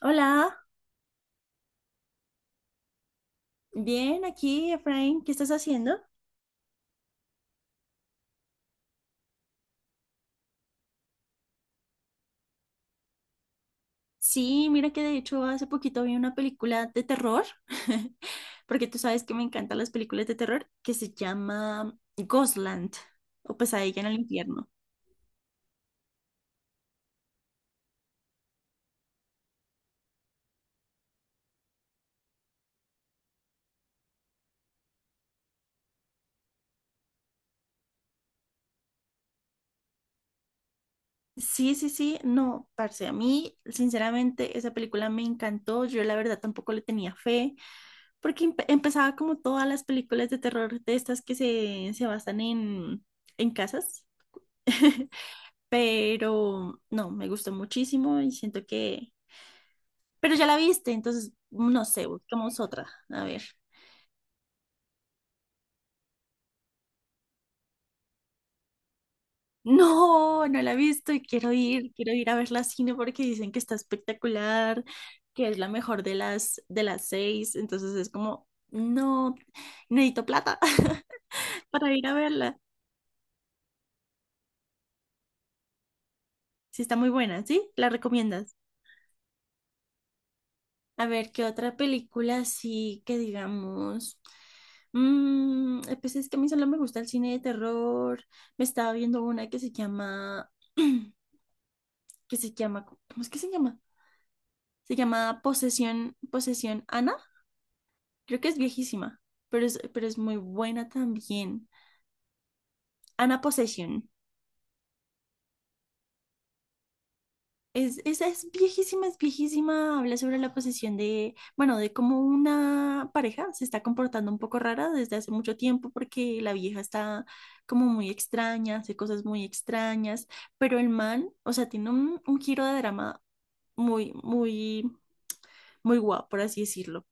Hola, bien, aquí, Efraín, ¿qué estás haciendo? Sí, mira que de hecho hace poquito vi una película de terror, porque tú sabes que me encantan las películas de terror, que se llama Ghostland o Pesadilla en el infierno. Sí, sí, sí, no, parce, a mí sinceramente esa película me encantó, yo la verdad tampoco le tenía fe, porque empezaba como todas las películas de terror de estas que se basan en casas. Pero no, me gustó muchísimo y siento que... Pero ya la viste, entonces no sé, buscamos otra. A ver. No, no la he visto y quiero ir a verla al cine porque dicen que está espectacular, que es la mejor de de las 6. Entonces es como, no, necesito plata para ir a verla. Sí, está muy buena, ¿sí? ¿La recomiendas? A ver, ¿qué otra película así que digamos? Pues es que a mí solo me gusta el cine de terror. Me estaba viendo una que se llama, que se llama, ¿cómo es que se llama? Se llama Posesión, Posesión Ana. Creo que es viejísima, pero pero es muy buena también. Ana Posesión. Esa es viejísima, es viejísima. Habla sobre la posesión de, bueno, de cómo una pareja se está comportando un poco rara desde hace mucho tiempo porque la vieja está como muy extraña, hace cosas muy extrañas, pero el man, o sea, tiene un giro de drama muy, muy, muy guapo, por así decirlo.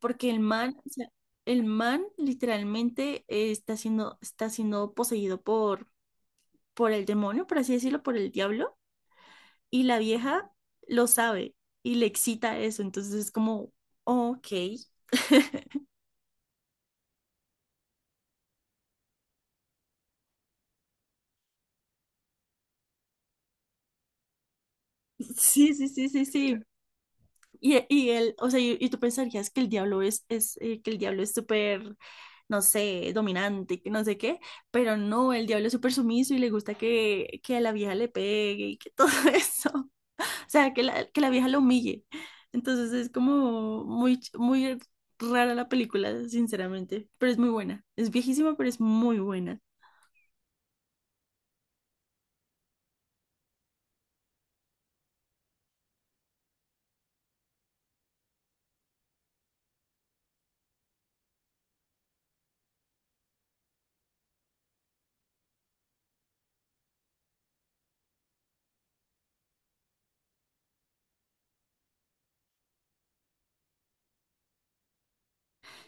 Porque el man, o sea, el man literalmente está siendo poseído por el demonio, por así decirlo, por el diablo. Y la vieja lo sabe y le excita eso. Entonces es como, ok. Sí, sí, sí, sí, sí. Y él, o sea, y tú pensarías que el diablo es que el diablo es súper, no sé, dominante, que no sé qué, pero no, el diablo es súper sumiso y le gusta que a la vieja le pegue y que todo eso. O sea, que la vieja lo humille. Entonces es como muy, muy rara la película, sinceramente, pero es muy buena. Es viejísima, pero es muy buena.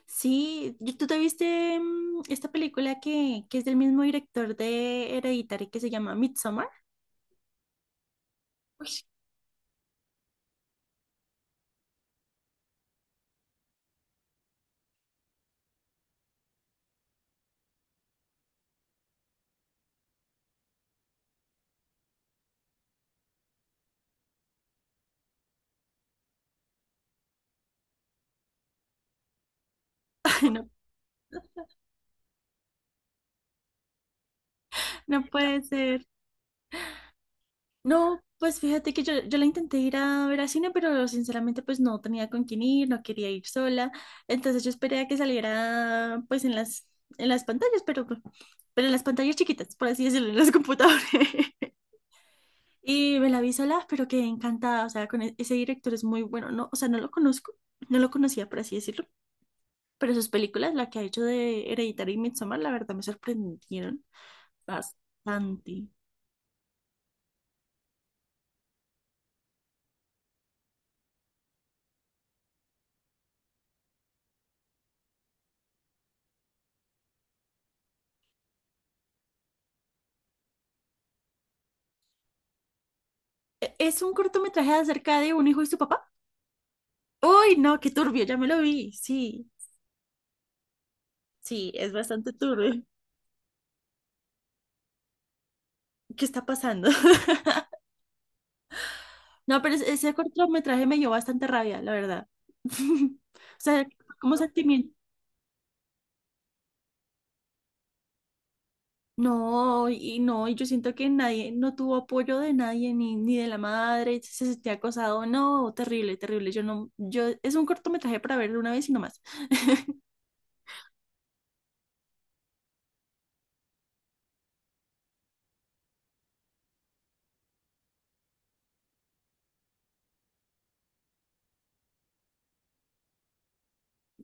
Sí, ¿tú te viste esta película que es del mismo director de Hereditary que se llama Midsommar? Uy, No, no puede ser. No, pues fíjate que yo la intenté ir a ver a cine, pero sinceramente pues no tenía con quién ir, no quería ir sola. Entonces yo esperé a que saliera pues en en las pantallas, pero en las pantallas chiquitas, por así decirlo, en los computadores. Y me la vi sola, pero quedé encantada. O sea, con ese director es muy bueno. No, o sea, no lo conozco, no lo conocía, por así decirlo. Pero sus películas, la que ha hecho de Hereditary y Midsommar, la verdad me sorprendieron bastante. Es un cortometraje acerca de un hijo y su papá. Uy, no, qué turbio, ya me lo vi. Sí, sí, es bastante turbio. ¿Qué está pasando? No, pero ese cortometraje me dio bastante rabia, la verdad. O sea, como sentimiento. No, y no, y yo siento que nadie, no tuvo apoyo de nadie, ni de la madre, si se sentía acosado, no, terrible, terrible, yo no, yo, es un cortometraje para verlo una vez y no más.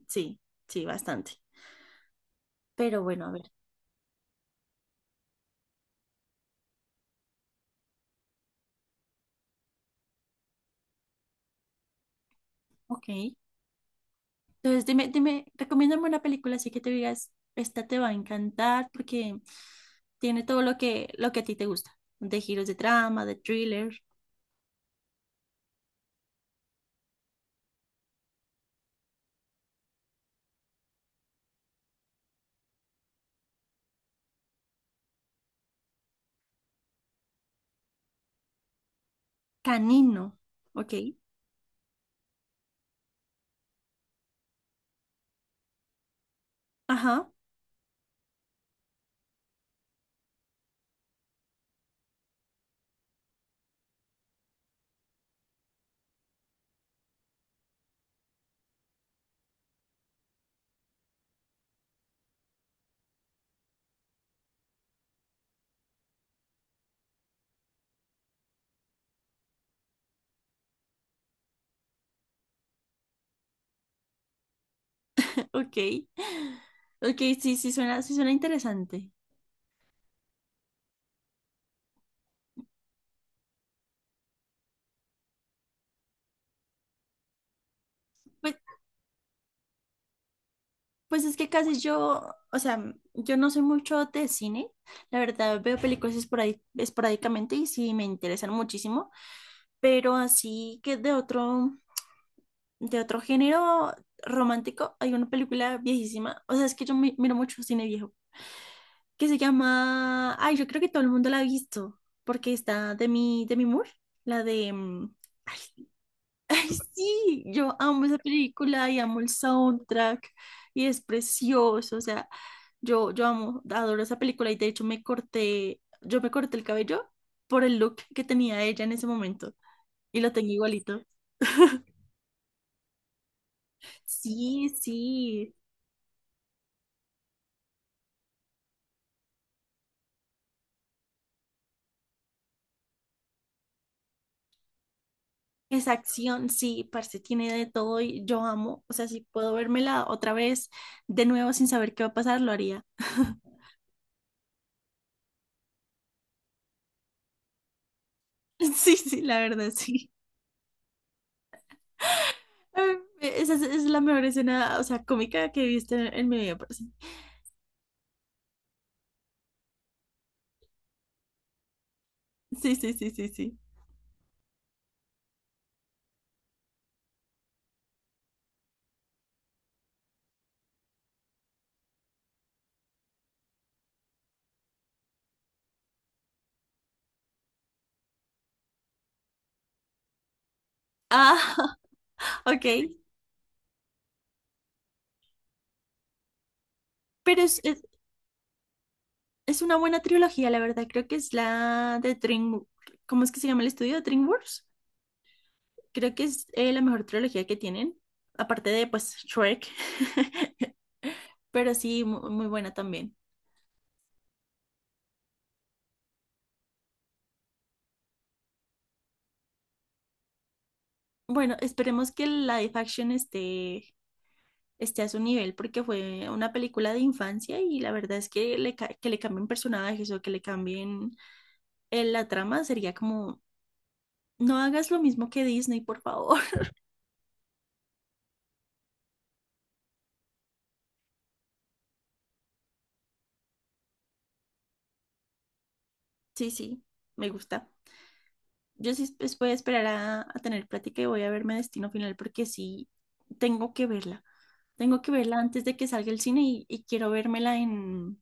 Sí, sí, bastante. Pero bueno, a ver, ok. Entonces, dime, dime, recomiéndame una película así que te digas, esta te va a encantar porque tiene todo lo que a ti te gusta, de giros de trama, de thriller, canino, ok, ajá, ok, ok, sí, sí suena interesante. Pues, pues es que casi yo, o sea, yo no soy mucho de cine. La verdad, veo películas esporádicamente y sí me interesan muchísimo. Pero así que de otro género romántico, hay una película viejísima. O sea, es que yo miro mucho cine viejo. Que se llama. Ay, yo creo que todo el mundo la ha visto. Porque está de de mi Moore. La de. Ay, ay, sí, yo amo esa película y amo el soundtrack. Y es precioso. O sea, yo amo, adoro esa película y de hecho yo me corté el cabello por el look que tenía ella en ese momento y lo tengo igualito. Sí, sí, esa acción, sí, parce, tiene de todo y yo amo, o sea, si puedo vérmela otra vez de nuevo sin saber qué va a pasar, lo haría. Sí, sí, la verdad, sí. Ay, esa es la mejor escena, o sea, cómica que he visto en mi vida. Parce. Sí, sí, sí, sí, sí. Ah, ok. Pero es una buena trilogía, la verdad. Creo que es la de Dream... ¿Cómo es que se llama el estudio? DreamWorks. Creo que es la mejor trilogía que tienen, aparte de, pues, Shrek. Pero sí, muy, buena también. Bueno, esperemos que la live action esté a su nivel porque fue una película de infancia y la verdad es que que le cambien personajes o que le cambien la trama sería como, no hagas lo mismo que Disney, por favor. Sí, sí, me gusta. Yo sí voy a esperar a tener plática y voy a verme Destino Final porque sí tengo que verla. Tengo que verla antes de que salga el cine y quiero vérmela en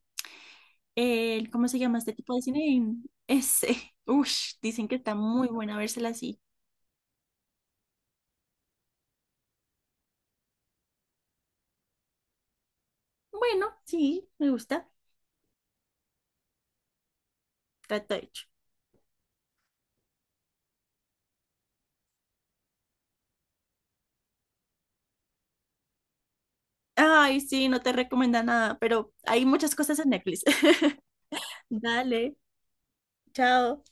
el, ¿cómo se llama este tipo de cine? En ese. Ush, dicen que está muy buena vérsela así. Bueno, sí, me gusta. Trato hecho. Ay, sí, no te recomienda nada, pero hay muchas cosas en Netflix. Dale, chao.